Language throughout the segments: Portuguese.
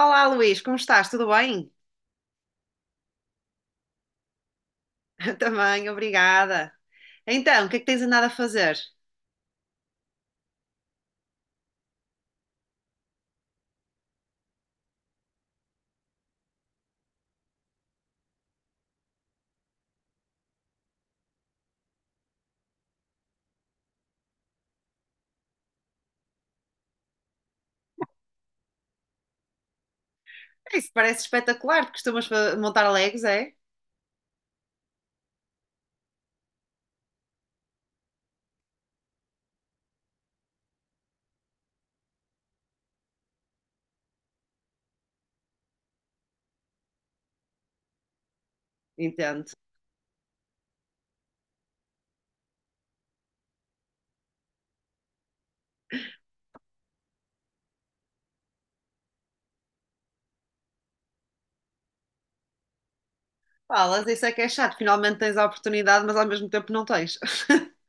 Olá, Luís, como estás? Tudo bem? Também, obrigada. Então, o que é que tens andado a fazer? É. Isso parece espetacular, porque costumas montar Legos, é? Entendo. Falas, isso é que é chato. Finalmente tens a oportunidade, mas ao mesmo tempo não tens.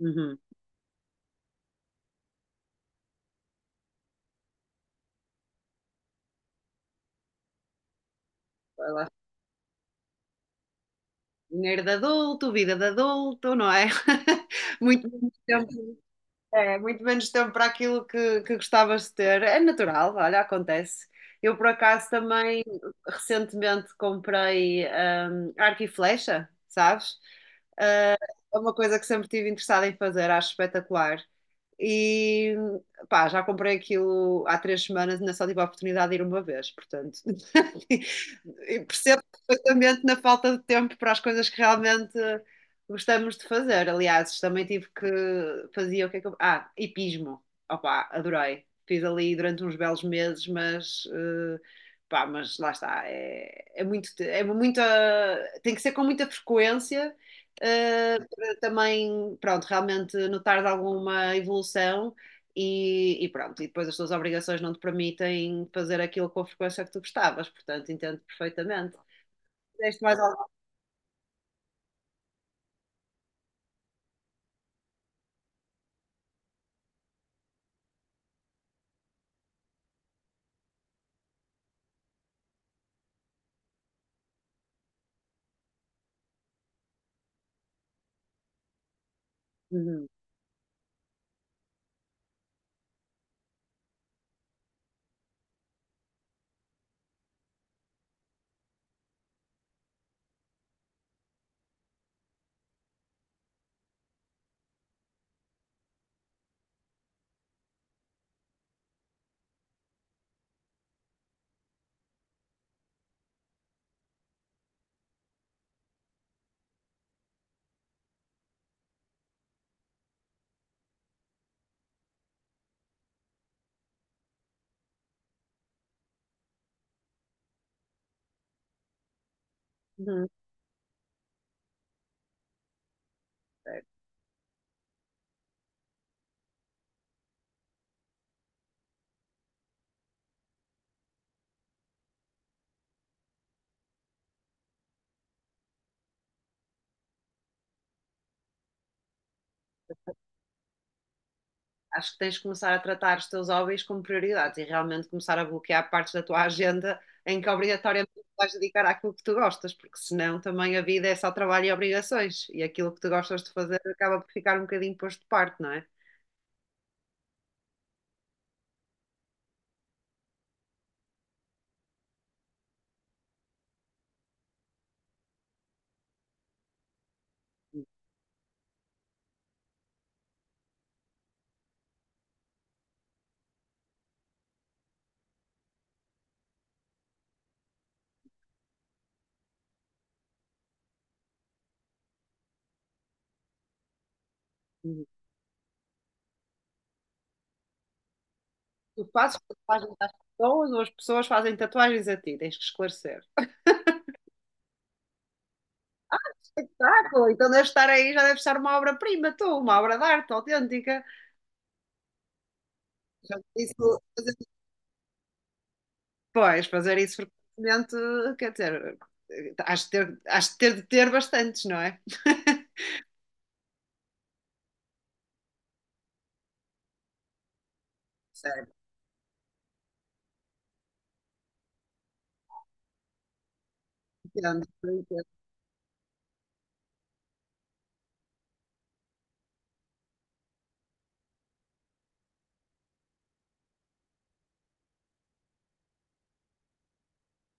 Uhum. Vai lá. Dinheiro de adulto, vida de adulto, não é? Muito, muito tempo. É, muito menos tempo para aquilo que gostavas de ter. É natural, olha, acontece. Eu, por acaso, também recentemente comprei arco e flecha, sabes? Ah, é uma coisa que sempre estive interessada em fazer, acho espetacular. E pá, já comprei aquilo há 3 semanas, ainda só tive a oportunidade de ir uma vez, portanto. E percebo perfeitamente na falta de tempo para as coisas que realmente gostamos de fazer, aliás, também tive que fazia o que é que eu... Ah, hipismo. Opa, adorei. Fiz ali durante uns belos meses, mas pá, mas lá está, é muita, tem que ser com muita frequência, para também, pronto, realmente notar alguma evolução e pronto, e depois as tuas obrigações não te permitem fazer aquilo com a frequência que tu gostavas, portanto, entendo perfeitamente. Deste mais alguma? Uhum, uhum. Acho que tens de começar a tratar os teus hobbies como prioridades e realmente começar a bloquear partes da tua agenda em que obrigatoriamente vais dedicar àquilo que tu gostas, porque senão também a vida é só trabalho e obrigações e aquilo que tu gostas de fazer acaba por ficar um bocadinho posto de parte, não é? Uhum. Tu fazes tatuagens às pessoas ou as pessoas fazem tatuagens a ti, tens que esclarecer. Espetáculo! Então deve estar aí, já deve estar uma obra-prima, tu, uma obra de arte autêntica. Já te disse fazer. Pois, fazer isso frequentemente, quer dizer, has de ter bastantes, não é? Certo, entendo, entendo,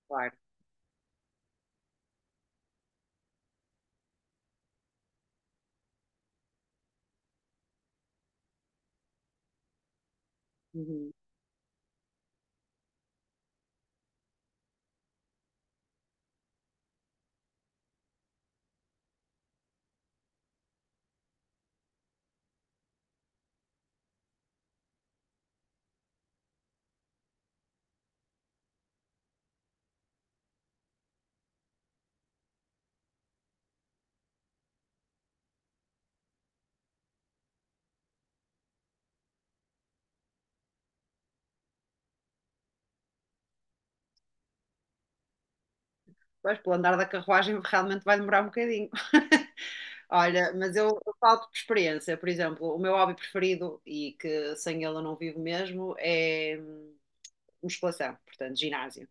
claro. Uhum. Pois, pelo andar da carruagem realmente vai demorar um bocadinho. Olha, mas eu falo por experiência, por exemplo, o meu hobby preferido e que sem ele eu não vivo mesmo é musculação, portanto, ginásio.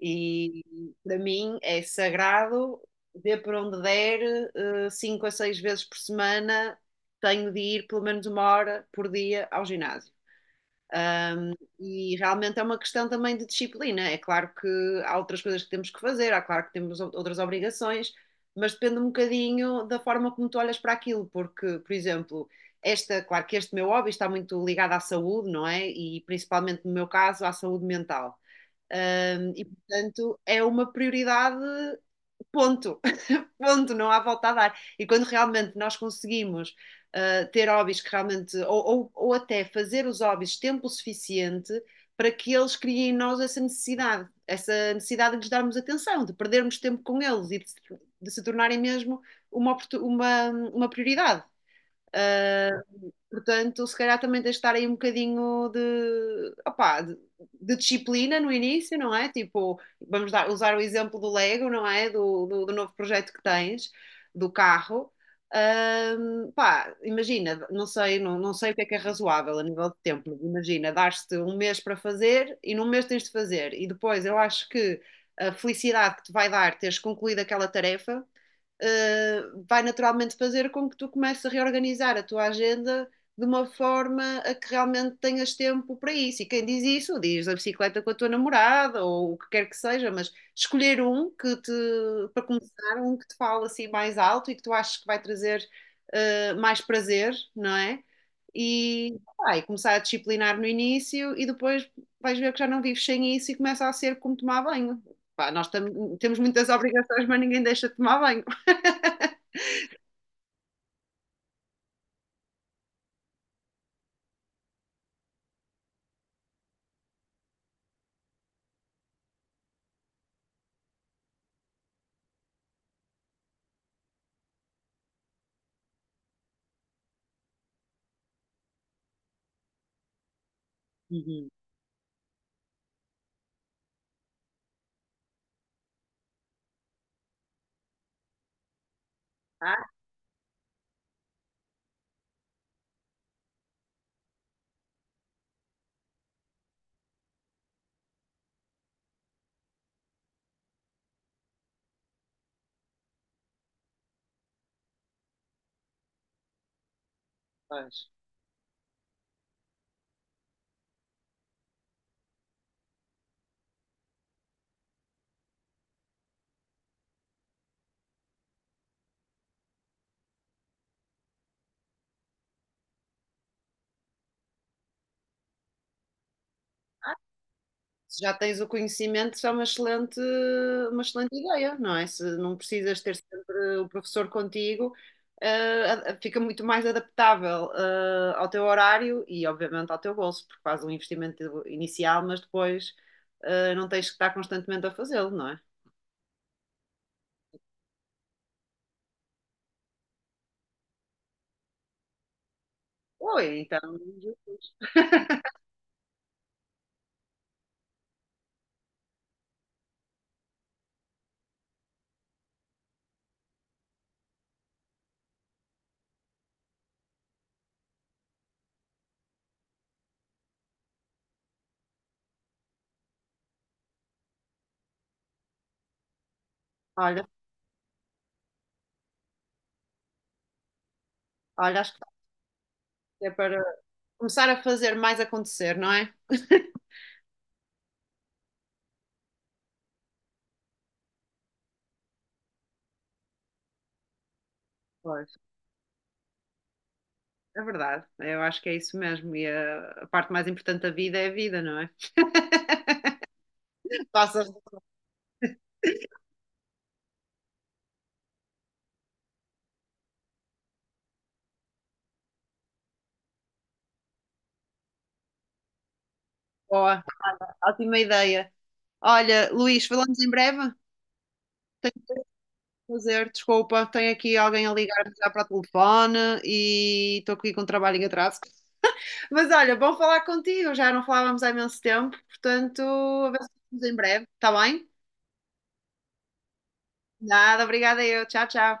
E para mim é sagrado, dê por onde der, 5 a 6 vezes por semana, tenho de ir pelo menos uma hora por dia ao ginásio. Ahm, e realmente é uma questão também de disciplina. É claro que há outras coisas que temos que fazer, há claro que temos outras obrigações, mas depende um bocadinho da forma como tu olhas para aquilo, porque, por exemplo, esta, claro que este meu hobby está muito ligado à saúde, não é? E principalmente no meu caso, à saúde mental. E, portanto, é uma prioridade, ponto. Ponto, não há volta a dar. E quando realmente nós conseguimos ter hobbies que realmente, ou até fazer os hobbies tempo suficiente para que eles criem em nós essa necessidade de lhes darmos atenção, de perdermos tempo com eles e de se tornarem mesmo uma prioridade. Uh, Portanto, se calhar também tens de estar aí um bocadinho opá, de disciplina no início, não é? Tipo, vamos usar o exemplo do Lego, não é? Do novo projeto que tens, do carro. Pá, imagina, não sei o que é razoável a nível de tempo, mas imagina, dar-te um mês para fazer e num mês tens de fazer. E depois eu acho que a felicidade que te vai dar teres concluído aquela tarefa vai naturalmente fazer com que tu comeces a reorganizar a tua agenda de uma forma a que realmente tenhas tempo para isso. E quem diz isso, diz a bicicleta com a tua namorada ou o que quer que seja, mas escolher um que te, para começar, um que te fala assim mais alto e que tu achas que vai trazer mais prazer, não é? E, ah, começar a disciplinar no início e depois vais ver que já não vives sem isso e começa a ser como tomar banho. Pá, nós temos muitas obrigações, mas ninguém deixa de tomar banho. Uhum. Ah, pois. Se já tens o conhecimento, isso é uma excelente ideia, não é? Se não precisas ter sempre o professor contigo, fica muito mais adaptável, ao teu horário e, obviamente, ao teu bolso, porque faz um investimento inicial, mas depois, não tens que estar constantemente a fazê-lo, não é? Oi, então, Jesus. Olha, olha, acho que é para começar a fazer mais acontecer, não é? Pois. É verdade, eu acho que é isso mesmo. E a parte mais importante da vida é a vida, não é? Passas de boa, ótima ideia. Olha, Luís, falamos em breve. Fazer, desculpa, tenho aqui alguém a ligar já para o telefone e estou aqui com um trabalho em atraso. Mas olha, bom falar contigo, já não falávamos há imenso tempo, portanto, a ver se falamos em breve, está bem? Nada, obrigada eu. Tchau, tchau.